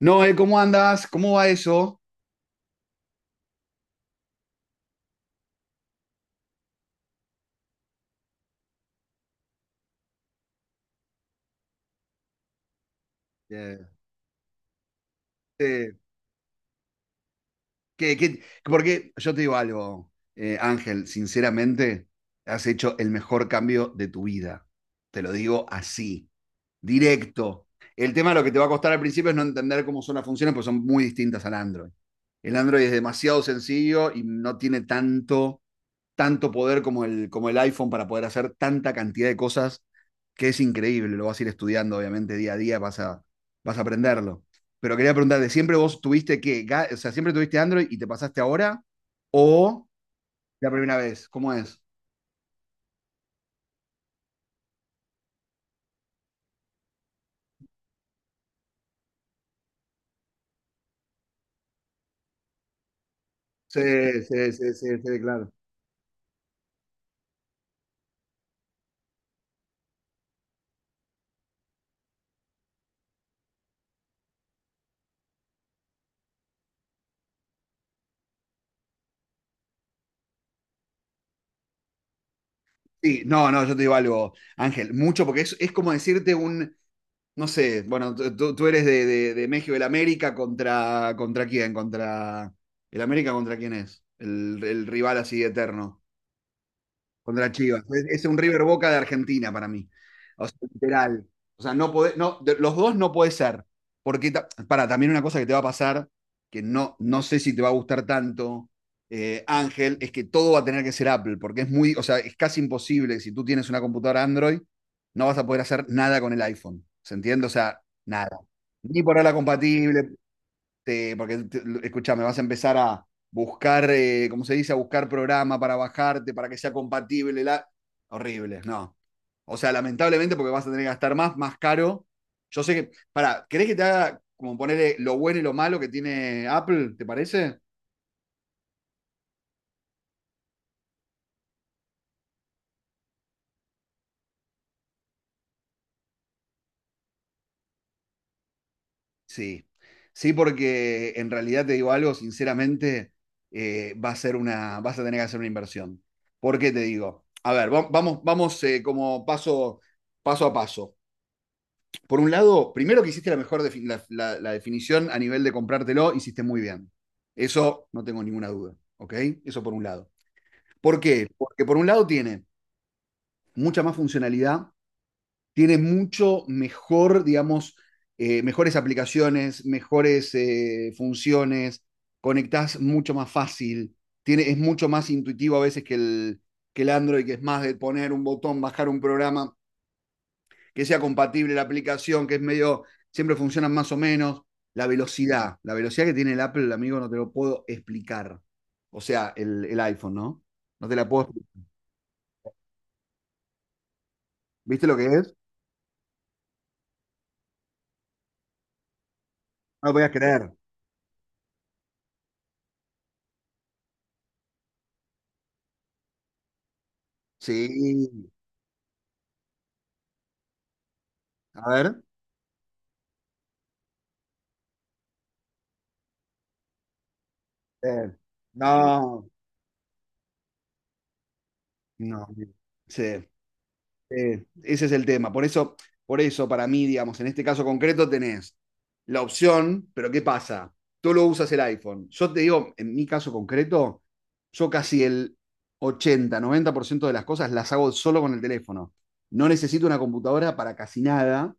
Noé, ¿cómo andas? ¿Cómo va eso? Eh, eh, porque yo te digo algo, Ángel, sinceramente, has hecho el mejor cambio de tu vida. Te lo digo así, directo. El tema de lo que te va a costar al principio es no entender cómo son las funciones, porque son muy distintas al Android. El Android es demasiado sencillo y no tiene tanto poder como el iPhone para poder hacer tanta cantidad de cosas que es increíble, lo vas a ir estudiando obviamente día a día, vas a aprenderlo. Pero quería preguntarte, ¿siempre vos tuviste que, o sea, siempre tuviste Android y te pasaste ahora o la primera vez? ¿Cómo es? Sí, sí, sí, sí, sí, claro. Sí, no, no, yo te digo algo, Ángel, mucho, porque es como decirte un, no sé, bueno, tú eres de, México, el América contra quién, contra, el América contra quién es, el rival así eterno. Contra Chivas. Es un River Boca de Argentina para mí. O sea, literal. O sea, no podés, no, los dos no puede ser. Porque, para, también una cosa que te va a pasar, que no, no sé si te va a gustar tanto, Ángel, es que todo va a tener que ser Apple, porque es muy, o sea, es casi imposible, si tú tienes una computadora Android, no vas a poder hacer nada con el iPhone. ¿Se entiende? O sea, nada. Ni por la compatible, escuchame, vas a empezar a buscar, ¿cómo se dice? A buscar programa para bajarte, para que sea compatible. La. Horrible, no. O sea, lamentablemente porque vas a tener que gastar más caro. Yo sé que, para, ¿querés que te haga como ponerle lo bueno y lo malo que tiene Apple? ¿Te parece? Sí, sí, porque en realidad te digo algo, sinceramente, va a ser una, vas a tener que hacer una inversión. ¿Por qué te digo? A ver, vamos como paso a paso. Por un lado, primero que hiciste la mejor la definición a nivel de comprártelo, hiciste muy bien. Eso no tengo ninguna duda, ¿ok? Eso por un lado. ¿Por qué? Porque por un lado tiene mucha más funcionalidad, tiene mucho mejor, digamos, mejores aplicaciones, mejores funciones, conectás mucho más fácil, tiene, es mucho más intuitivo a veces que que el Android, que es más de poner un botón, bajar un programa que sea compatible la aplicación, que es medio, siempre funcionan más o menos. La velocidad que tiene el Apple, amigo, no te lo puedo explicar. O sea, el iPhone, ¿no? No te la puedo explicar. ¿Viste lo que es? No lo podías creer. Sí, a ver. Eh, No, no. Sí. Ese es el tema. Por eso, para mí, digamos, en este caso concreto tenés la opción, pero ¿qué pasa? Tú lo usas el iPhone. Yo te digo, en mi caso concreto, yo casi el 80 90% de las cosas las hago solo con el teléfono. No necesito una computadora para casi nada.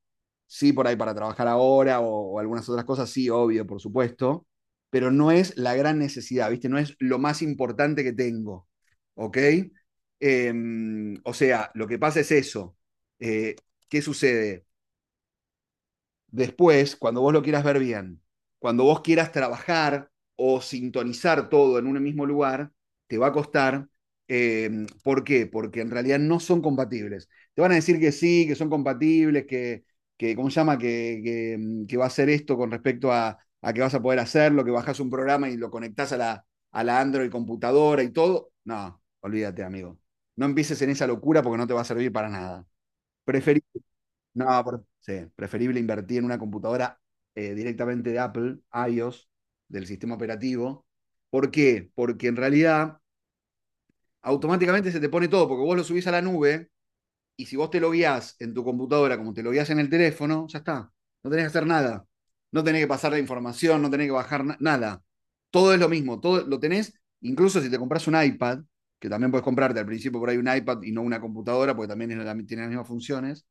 Sí, por ahí para trabajar ahora o algunas otras cosas, sí, obvio, por supuesto. Pero no es la gran necesidad, ¿viste? No es lo más importante que tengo. ¿Ok? Eh, o sea, lo que pasa es eso. Eh, ¿Qué sucede? Después, cuando vos lo quieras ver bien, cuando vos quieras trabajar o sintonizar todo en un mismo lugar, te va a costar. ¿Por qué? Porque en realidad no son compatibles. Te van a decir que sí, que son compatibles, que ¿cómo se llama? Que va a hacer esto con respecto a, que vas a poder hacerlo, que bajas un programa y lo conectás a la Android computadora y todo. No, olvídate, amigo. No empieces en esa locura porque no te va a servir para nada. Preferís no, sí, preferible invertir en una computadora directamente de Apple, iOS, del sistema operativo. ¿Por qué? Porque en realidad automáticamente se te pone todo, porque vos lo subís a la nube y si vos te lo guías en tu computadora como te lo guías en el teléfono, ya está. No tenés que hacer nada. No tenés que pasar la información, no tenés que bajar nada. Todo es lo mismo, todo lo tenés, incluso si te compras un iPad, que también puedes comprarte al principio por ahí un iPad y no una computadora, porque también es la- tiene las mismas funciones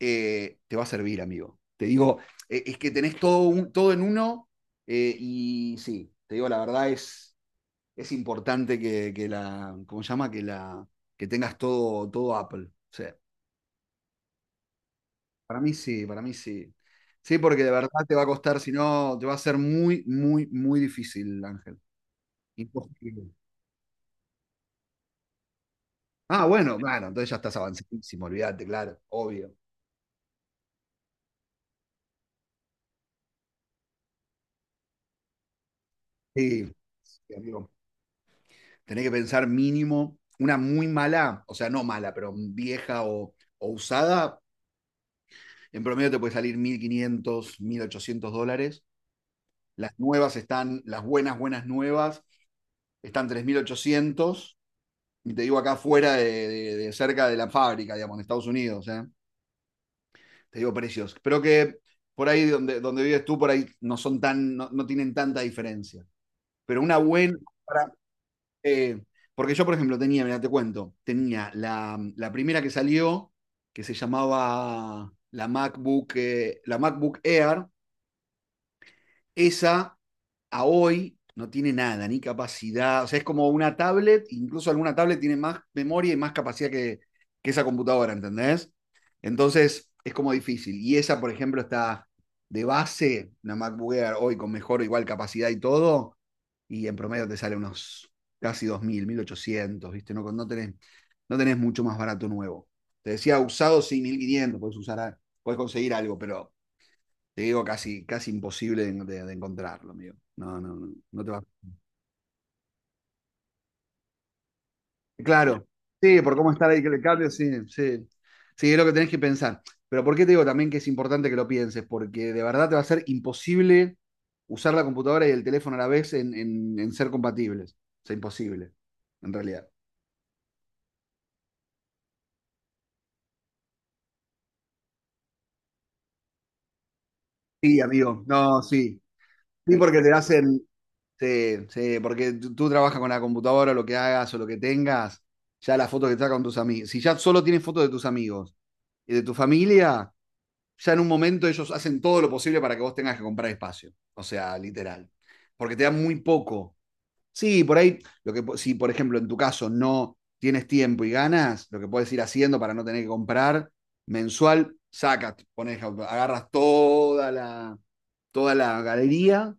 te va a servir, amigo. Te digo, es que tenés todo, todo en uno y sí, te digo, la verdad es importante que la, ¿cómo se llama? Que tengas todo, todo Apple. O sea, para mí sí, para mí sí. Sí, porque de verdad te va a costar, si no, te va a ser muy, muy, muy difícil, Ángel. Imposible. Ah, bueno, claro, entonces ya estás avanzadísimo, olvídate, claro, obvio. Sí, sí, amigo, tenés que pensar mínimo una muy mala, o sea, no mala, pero vieja o usada, en promedio te puede salir 1.500, 1.800 dólares. Las nuevas están, las buenas, buenas nuevas, están 3.800. Y te digo acá afuera de, cerca de la fábrica, digamos, en Estados Unidos. ¿Eh? Te digo precios. Pero que por ahí donde, donde vives tú, por ahí no son tan, no, no tienen tanta diferencia. Pero una buena, Eh, porque yo, por ejemplo, tenía, mira, te cuento, tenía la primera que salió, que se llamaba la MacBook Air, esa a hoy no tiene nada, ni capacidad. O sea, es como una tablet, incluso alguna tablet tiene más memoria y más capacidad que esa computadora, ¿entendés? Entonces, es como difícil. Y esa, por ejemplo, está de base, una MacBook Air hoy con mejor o igual capacidad y todo, y en promedio te sale unos casi 2.000 1.800, ¿viste? No, no, tenés, no tenés mucho más barato nuevo. Te decía usado, sí, 1.500 puedes usar, puedes conseguir algo, pero te digo, casi, casi imposible de, de encontrarlo, amigo. No, no, no, no te va. Claro, sí, por cómo está ahí que le cambio, sí, sí. Sí, es lo que tenés que pensar. Pero ¿por qué te digo también que es importante que lo pienses? Porque de verdad te va a ser imposible usar la computadora y el teléfono a la vez en, en ser compatibles. O sea, imposible, en realidad. Sí, amigo, no, sí. Sí, porque te hacen. Sí, sí, porque tú trabajas con la computadora, lo que hagas o lo que tengas, ya la foto que estás con tus amigos. Si ya solo tienes fotos de tus amigos y de tu familia, ya en un momento ellos hacen todo lo posible para que vos tengas que comprar espacio. O sea, literal. Porque te dan muy poco. Sí, por ahí, lo que, si por ejemplo en tu caso no tienes tiempo y ganas, lo que puedes ir haciendo para no tener que comprar mensual, sacas, pones, agarras toda la galería,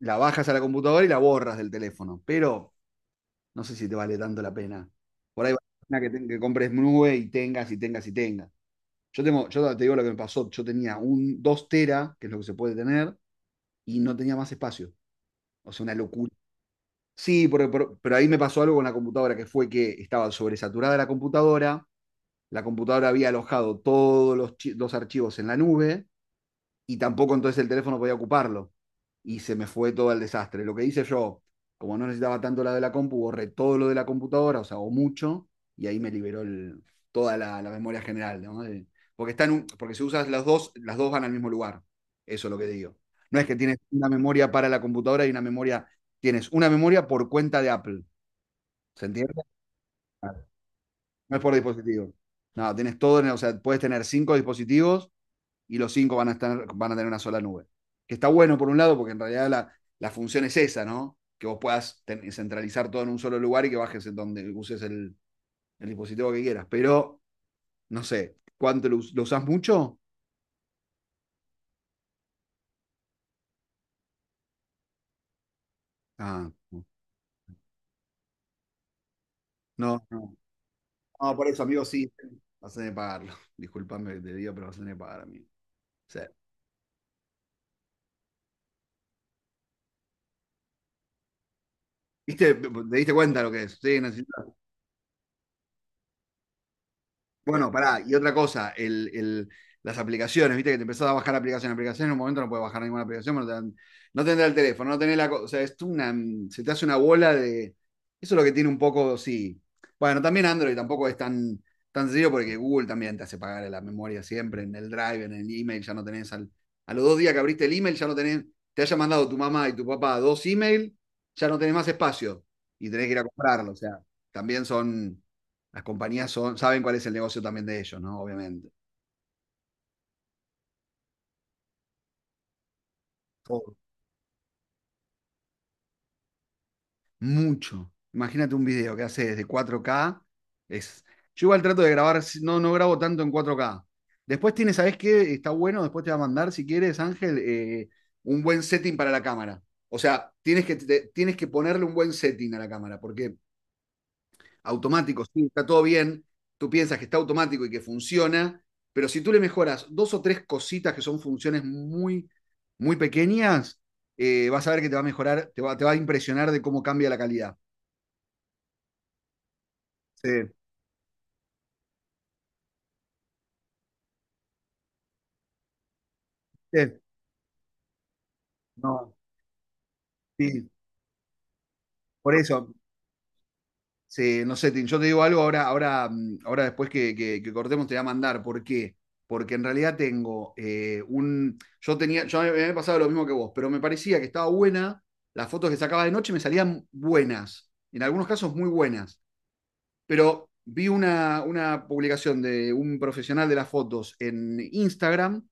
la bajas a la computadora y la borras del teléfono. Pero no sé si te vale tanto la pena. Por ahí vale la pena que, que compres nube y tengas y tengas y tengas. Yo, tengo, yo te digo lo que me pasó. Yo tenía un 2 TB, que es lo que se puede tener, y no tenía más espacio. O sea, una locura. Sí, pero ahí me pasó algo con la computadora, que fue que estaba sobresaturada la computadora había alojado todos los archivos en la nube, y tampoco entonces el teléfono podía ocuparlo. Y se me fue todo el desastre. Lo que hice yo, como no necesitaba tanto la de la compu, borré todo lo de la computadora, o sea, o mucho, y ahí me liberó el, toda la memoria general, ¿no? De, porque, están un, porque si usas las dos van al mismo lugar. Eso es lo que digo. No es que tienes una memoria para la computadora y una memoria, tienes una memoria por cuenta de Apple. ¿Se entiende? No es por dispositivo. No, tienes todo, o sea, puedes tener cinco dispositivos y los cinco van a, van a tener una sola nube. Que está bueno por un lado, porque en realidad la función es esa, ¿no? Que vos puedas centralizar todo en un solo lugar y que bajes donde uses el dispositivo que quieras. Pero, no sé, ¿cuánto lo usás mucho? Ah, no, no. No, ah, por eso, amigo, sí. Vas a tener que pagarlo. Disculpame que te digo, pero vas a tener que pagar, amigo. O sea, ¿viste? ¿Te diste cuenta lo que es? Sí, necesitas. Bueno, pará, y otra cosa, las aplicaciones, viste que te empezás a bajar aplicaciones, aplicaciones en un momento no puedes bajar ninguna aplicación, no, no tendrá el teléfono, no tenés la cosa, o sea, es una, se te hace una bola de. Eso es lo que tiene un poco, sí. Bueno, también Android tampoco es tan, tan sencillo porque Google también te hace pagar la memoria siempre, en el Drive, en el email, ya no tenés, a los 2 días que abriste el email, ya no tenés, te haya mandado tu mamá y tu papá dos email, ya no tenés más espacio y tenés que ir a comprarlo, o sea, también son las compañías son, saben cuál es el negocio también de ellos, ¿no? Obviamente. Oh. Mucho. Imagínate un video que hace desde 4K. Es. Yo igual trato de grabar, si, no, no grabo tanto en 4K. Después tienes, ¿sabes qué? Está bueno, después te va a mandar, si quieres, Ángel, un buen setting para la cámara. O sea, tienes que, tienes que ponerle un buen setting a la cámara, porque automático, sí, está todo bien, tú piensas que está automático y que funciona, pero si tú le mejoras dos o tres cositas que son funciones muy, muy pequeñas, vas a ver que te va a mejorar, te va a impresionar de cómo cambia la calidad. Sí, sí, no, sí, por eso. Sí, no sé, Tim, yo te digo algo ahora, ahora después que, que cortemos te voy a mandar. ¿Por qué? Porque en realidad tengo un. Yo tenía, yo me había pasado lo mismo que vos, pero me parecía que estaba buena. Las fotos que sacaba de noche me salían buenas. En algunos casos muy buenas. Pero vi una publicación de un profesional de las fotos en Instagram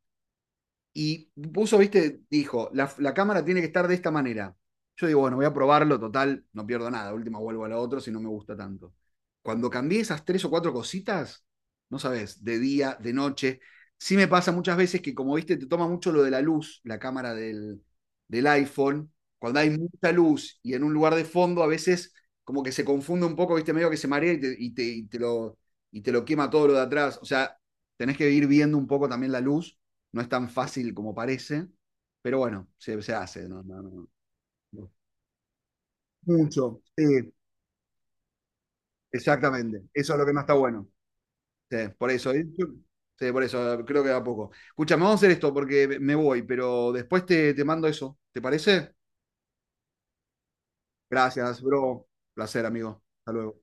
y puso, viste, dijo, la cámara tiene que estar de esta manera. Yo digo, bueno, voy a probarlo, total, no pierdo nada. Última vuelvo a la otra si no me gusta tanto. Cuando cambié esas tres o cuatro cositas, no sabes, de día, de noche. Sí me pasa muchas veces que, como viste, te toma mucho lo de la luz, la cámara del iPhone. Cuando hay mucha luz y en un lugar de fondo, a veces como que se confunde un poco, viste, medio que se marea y te lo quema todo lo de atrás. O sea, tenés que ir viendo un poco también la luz. No es tan fácil como parece, pero bueno, se hace. No, no, no, no. Mucho, sí, exactamente. Eso es lo que más está bueno. Sí, por eso, ¿eh? Sí, por eso, creo que da poco. Escúchame, vamos a hacer esto porque me voy, pero después te mando eso. ¿Te parece? Gracias, bro. Placer, amigo. Hasta luego.